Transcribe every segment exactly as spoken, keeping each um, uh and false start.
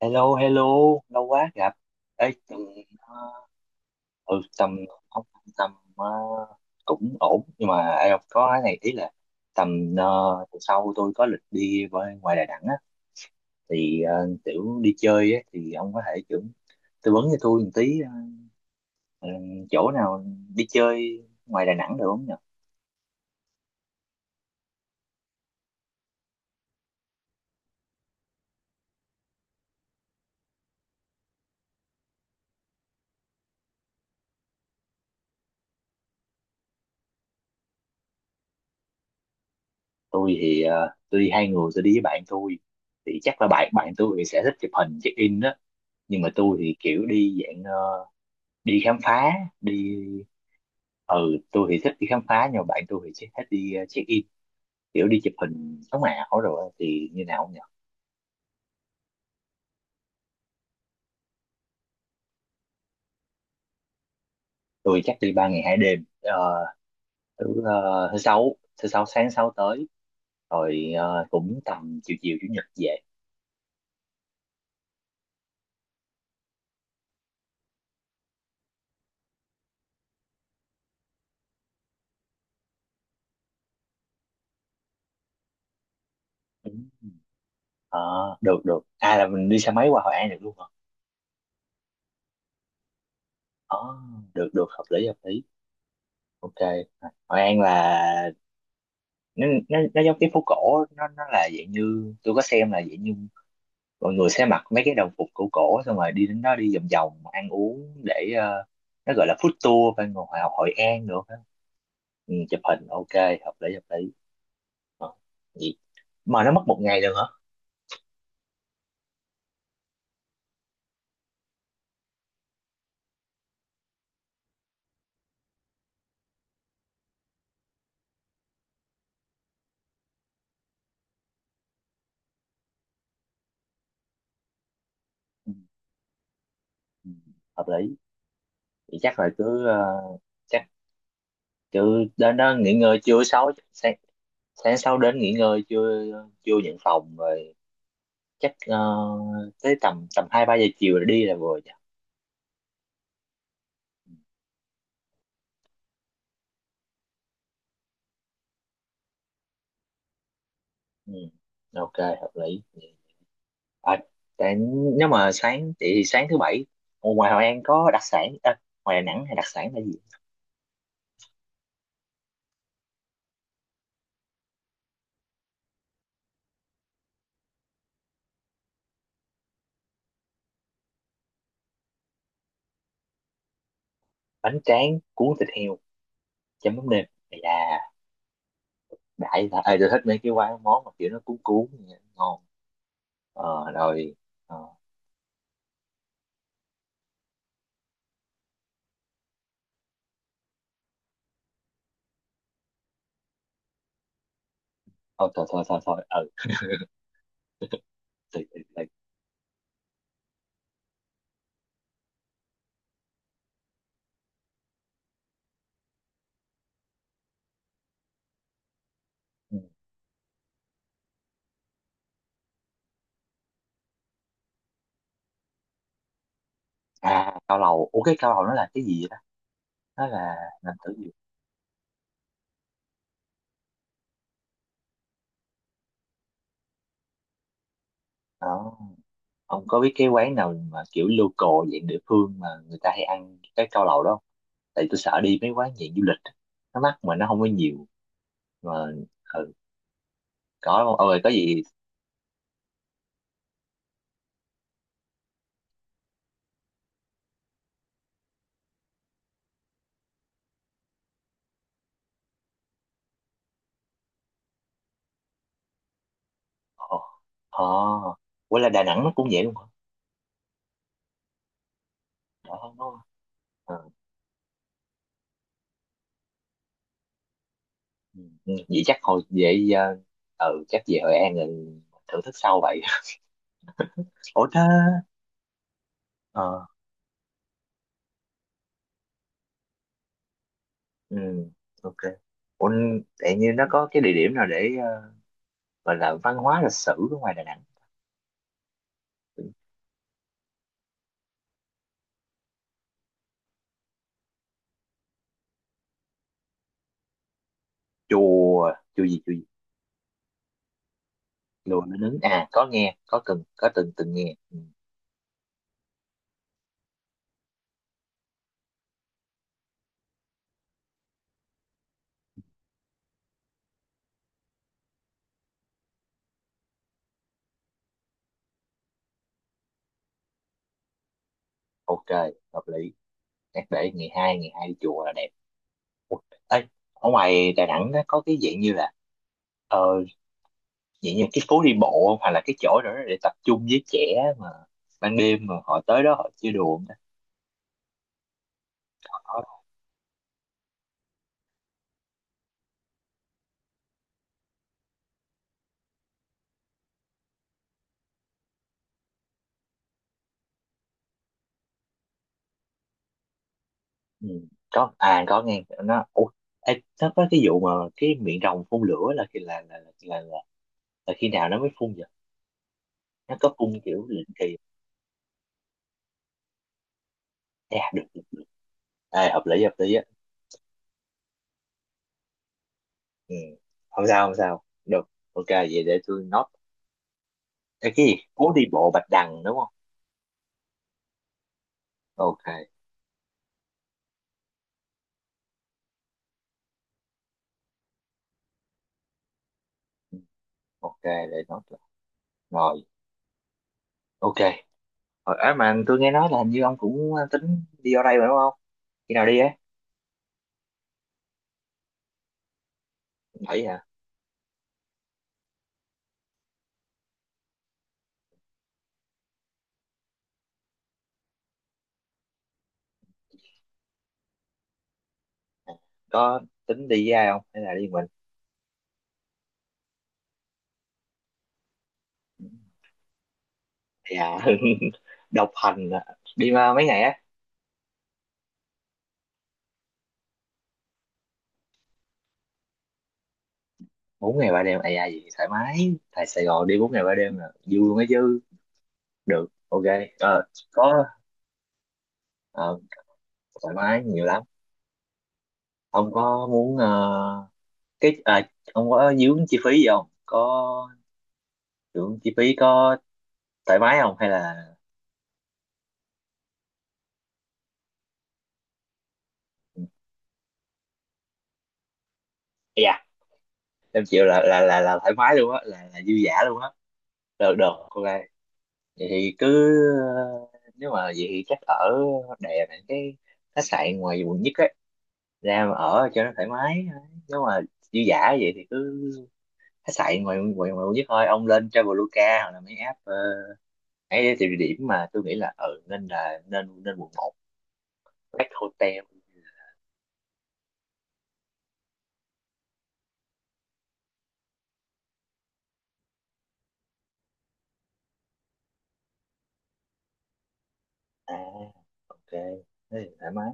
Hello, hello, lâu quá gặp. Ê, tầm, ờ, ừ, tầm, không, tầm ờ, cũng ổn, nhưng mà em có cái này ý là tầm ờ, tuần sau tôi có lịch đi với ngoài Đà Nẵng á, thì ờ, kiểu đi chơi á, thì ông có thể kiểu tư vấn cho tôi một tí ờ, ờ, chỗ nào đi chơi ngoài Đà Nẵng được không nhỉ? Tôi thì ờ, tôi đi hai người, tôi đi với bạn tôi, thì chắc là bạn bạn tôi thì sẽ thích chụp hình check in đó, nhưng mà tôi thì kiểu đi dạng ờ, đi khám phá đi ừ tôi thì thích đi khám phá nhưng mà bạn tôi thì chỉ thích đi ờ, check in kiểu đi chụp hình sống ảo rồi á, thì như nào không nhỉ. Tôi chắc đi ba ngày hai đêm. Ờ, thứ ờ, thứ sáu thứ sáu sáng sáu tới rồi, ờ, cũng tầm chiều chiều chủ nhật về. Ừ. Ờ, được được à, là mình đi xe máy qua Hội An được luôn hả. Ờ, được được hợp lý hợp lý, ok. Hội An là nó, nó, nó giống cái phố cổ, nó nó là dạng như tôi có xem, là dạng như mọi người sẽ mặc mấy cái đồng phục cổ cổ xong rồi đi đến đó đi vòng vòng ăn uống để ờ, nó gọi là food tour bên Hòa Học Hội An nữa. Ừ, chụp hình ok, hợp lý hợp lý. Ờ, vậy mà nó mất một ngày được hả. Ừ, ừ, hợp lý. Vậy chắc là cứ ờ, chắc cứ đến đó nghỉ ngơi trưa sáu sáng, sáng sau đến nghỉ ngơi trưa, trưa nhận phòng rồi chắc ờ, tới tầm tầm hai ba giờ chiều là đi là vừa nhỉ. Ừ, ừ, ok, hợp lý. À, tại nếu mà sáng thì sáng thứ bảy ở ngoài Hội An có đặc sản à, ngoài Đà Nẵng hay đặc sản là gì. Bánh tráng cuốn thịt heo chấm mắm nêm. Đây đại là à, tôi thích mấy cái quán món mà kiểu nó cuốn cuốn vậy, ngon. Ờ, rồi ờ, thôi thôi thôi thôi thôi, ừ, từ từ từ. Ừ. À, cao lầu, ủa cái cao lầu nó là cái gì vậy đó, nó là làm từ gì đó. Ông có biết cái quán nào mà kiểu local dạng địa phương mà người ta hay ăn cái cao lầu đó không? Tại tôi sợ đi mấy quán dạng du lịch á, nó mắc mà nó không có nhiều mà. Ừ, có đúng, ôi có gì. Ồ, oh, quên là Đà Nẵng nó cũng vậy luôn hả. Đó nó. Ờ, ừ. Ừ, vậy chắc hồi vậy, uh, ừ chắc về Hội An rồi thưởng thức sau vậy. Ủa đó. ờ ừ, ok. Ủa, tự nhiên nó có cái địa điểm nào để ờ, gọi là văn hóa lịch sử ở ngoài Đà Nẵng. Chùa chùa gì chùa gì Chùa Núi Nứng à, có nghe, có từng có từng từng nghe. Ừ, ok, hợp lý. Chắc để ngày hai, ngày hai đi chùa là đẹp. Ê, ở ngoài Đà Nẵng nó có cái dạng như là ờ, dạng như cái phố đi bộ không? Hoặc là cái chỗ đó để tập trung với trẻ mà ban đêm mà họ tới đó họ chơi đùa không ta? Có. Ừ. Có à, có nghe nó. Ủa, ê, nó có cái vụ mà cái miệng rồng phun lửa là khi là là, là là là là khi nào nó mới phun vậy? Nó có phun kiểu định kỳ. À, được được được. À, hợp lý hợp lý á. Ừ. Không sao, không sao được. Ok, vậy để tôi note. Ê, cái gì, phố đi bộ Bạch Đằng đúng không. Ok. Ừ, ok để note. Rồi, ok. Rồi, à, mà tôi nghe nói là hình như ông cũng tính đi ở đây mà đúng không? Khi nào đi á? Bảy hả? À, có tính đi với ai không? Hay là đi mình? Dạ, độc hành à. Đi mà mấy ngày á? Bốn ngày ba đêm, ai ai gì thoải mái. Tại Sài Gòn đi bốn ngày ba đêm là vui luôn á chứ. Được, ok. Ờ, có ờ, thoải mái nhiều lắm. Ông có muốn ờ, cái à, ông có dướng chi phí gì không? Có dướng chi phí có thoải mái không? Hay là? Dạ. Em chịu, là là là là thoải mái luôn á, là là dư dả luôn á, được được, ok vậy. Thì cứ ờ, nếu mà vậy thì chắc ở đè này cái khách sạn ngoài quận nhất ấy ra mà ở cho nó thoải mái. Nếu mà dư dả vậy thì cứ khách sạn ngoài ngoài, ngoài quận nhất thôi, ông lên Traveloka hoặc là mấy app ờ, ấy thì địa điểm mà tôi nghĩ là ừ nên là nên nên quận một, Black Hotel, à ok. Thế thì thoải mái.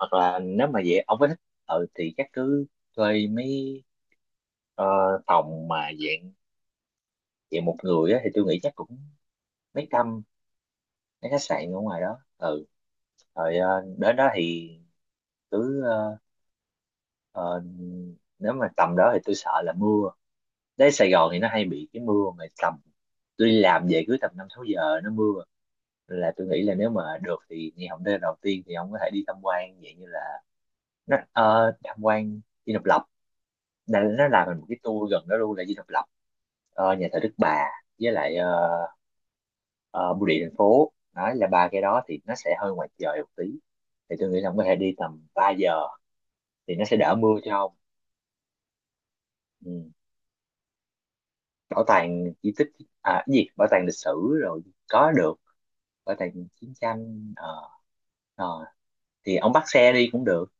Hoặc là nếu mà vậy ông có thích, ừ thì chắc cứ thuê mấy Ờ, phòng mà dạng dạng một người á, thì tôi nghĩ chắc cũng mấy trăm mấy khách sạn ở ngoài đó, ừ. Rồi ờ, đến đó thì cứ ờ, ờ, nếu mà tầm đó thì tôi sợ là mưa, đến Sài Gòn thì nó hay bị cái mưa mà tầm, tôi đi làm về cứ tầm năm sáu giờ nó mưa, là tôi nghĩ là nếu mà được thì ngày hôm nay đầu tiên thì ông có thể đi tham quan dạng như là nó ờ, tham quan Dinh Độc Lập, Đà- nó làm thành một cái tour gần đó luôn là Dinh Độc Lập, ờ, nhà thờ Đức Bà với lại ờ, ờ, bưu điện thành phố, đấy là ba cái đó thì nó sẽ hơi ngoài trời một tí, thì tôi nghĩ là ông có thể đi tầm ba giờ thì nó sẽ đỡ mưa cho ông. Ừ. Bảo tàng di tích, à cái gì bảo tàng lịch sử, rồi có được, bảo tàng chiến tranh. ờ Ờ, thì ông bắt xe đi cũng được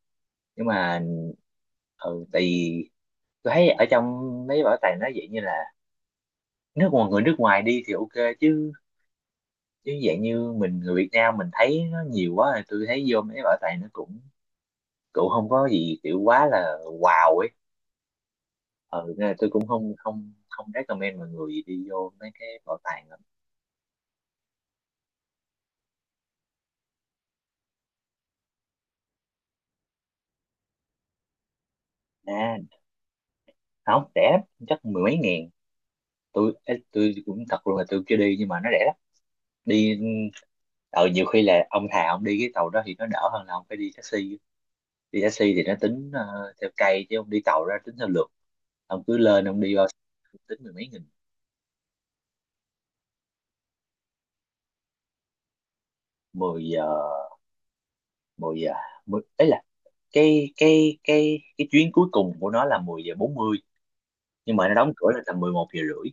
nhưng mà, ừ, tại vì tôi thấy ở trong mấy bảo tàng nó vậy như là nước ngoài, người nước ngoài đi thì ok chứ, chứ dạng như mình người Việt Nam mình thấy nó nhiều quá thì tôi thấy vô mấy bảo tàng nó cũng, cậu không có gì kiểu quá là wow ấy, ừ nên là tôi cũng không không không recommend mọi người đi vô mấy cái bảo tàng lắm. À, không rẻ lắm, chắc mười mấy ngàn. Tôi ê, tôi cũng thật luôn là tôi chưa đi nhưng mà nó rẻ lắm. Đi ờ nhiều khi là ông thà ông đi cái tàu đó thì nó đỡ hơn là ông phải đi taxi, đi taxi thì nó tính ờ, theo cây chứ ông đi tàu ra tính theo lượt, ông cứ lên ông đi bao, tính mười mấy nghìn. Mười giờ, mười giờ, mười ấy là cái cái cái cái chuyến cuối cùng của nó là mười giờ bốn mươi, nhưng mà nó đóng cửa là tầm mười một giờ rưỡi,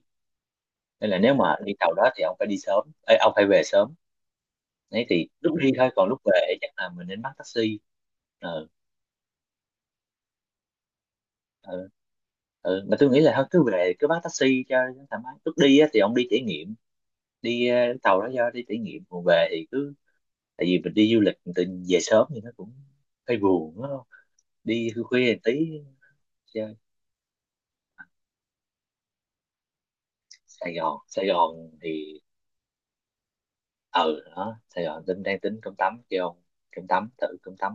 nên là nếu mà đi tàu đó thì ông phải đi sớm. Ê, ông phải về sớm, đấy thì lúc đi thôi còn lúc về chắc là mình nên bắt taxi. ờ ờ ừ. Mà tôi nghĩ là thôi cứ về cứ bắt taxi cho nó thoải mái, lúc đi á, thì ông đi trải nghiệm đi ờ, tàu đó do đi trải nghiệm, còn về thì cứ, tại vì mình đi du lịch mình tự nhiên về sớm thì nó cũng hơi buồn đúng không, đi khuya khuya một tí chơi. Sài Gòn, Sài Gòn thì, ừ đó Sài Gòn tính, đang tính cơm tấm kêu ông, cơm tấm, thử cơm tấm.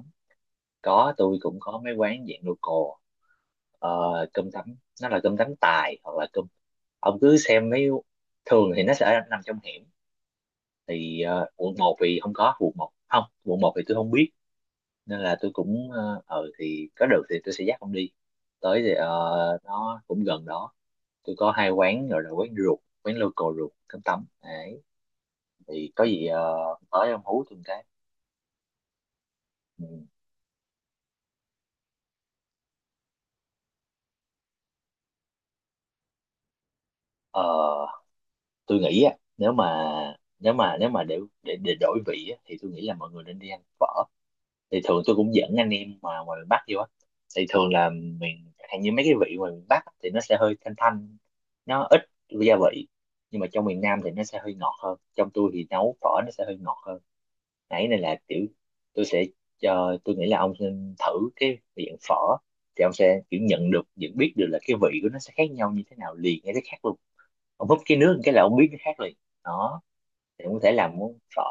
Có, tôi cũng có mấy quán dạng local, ờ, cơm tấm, nó là cơm tấm tài hoặc là cơm, ông cứ xem mấy, thường thì nó sẽ nằm trong hẻm, thì ờ, quận một thì không có quận một, không quận một thì tôi không biết nên là tôi cũng ờ ờ, thì có được thì tôi sẽ dắt ông đi tới, thì ờ, nó cũng gần đó, tôi có hai quán gọi là quán ruột, quán local ruột cơm tấm đấy, thì có gì ờ, tới ông hú tôi một cái. Ừ. Ờ, tôi nghĩ á, nếu mà nếu mà nếu mà để để để đổi vị á, thì tôi nghĩ là mọi người nên đi ăn phở, thì thường tôi cũng dẫn anh em mà ngoài miền Bắc vô á, thì thường là miền hạn như mấy cái vị ngoài miền Bắc á, thì nó sẽ hơi thanh thanh, nó ít gia vị, nhưng mà trong miền Nam thì nó sẽ hơi ngọt hơn, trong tôi thì nấu phở nó sẽ hơi ngọt hơn, nãy này là kiểu tôi sẽ, cho tôi nghĩ là ông nên thử cái miệng phở, thì ông sẽ kiểu nhận được, nhận biết được là cái vị của nó sẽ khác nhau như thế nào liền, hay cái khác luôn, ông húp cái nước một cái là ông biết nó khác liền. Đó thì cũng có thể làm món phở.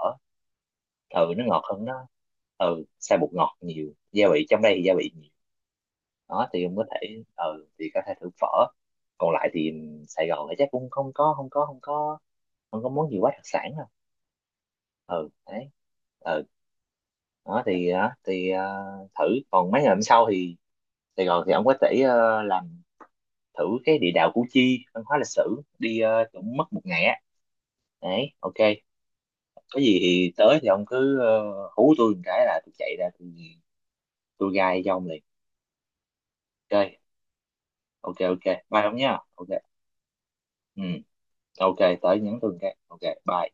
Ừ nó ngọt hơn, nó ừ xài bột ngọt nhiều gia vị, trong đây thì gia vị nhiều. Đó thì em có thể ừ thì có thể thử phở. Còn lại thì Sài Gòn thì chắc cũng không có không có không có không có món gì quá đặc sản đâu. Ừ đấy, ừ, đó thì đó thì ờ, thử. Còn mấy ngày hôm sau thì Sài Gòn thì ông có thể ờ, làm thử cái địa đạo Củ Chi văn hóa lịch sử đi, ờ, cũng mất một ngày á. Đấy, ok. Có gì thì tới thì ông cứ ờ, hú tôi một cái là tôi chạy ra tôi tôi gai cho ông liền. Ok, ok, ok, bye ông nhá. Ok, ừ, ok tới nhắn tôi cái, ok, bye.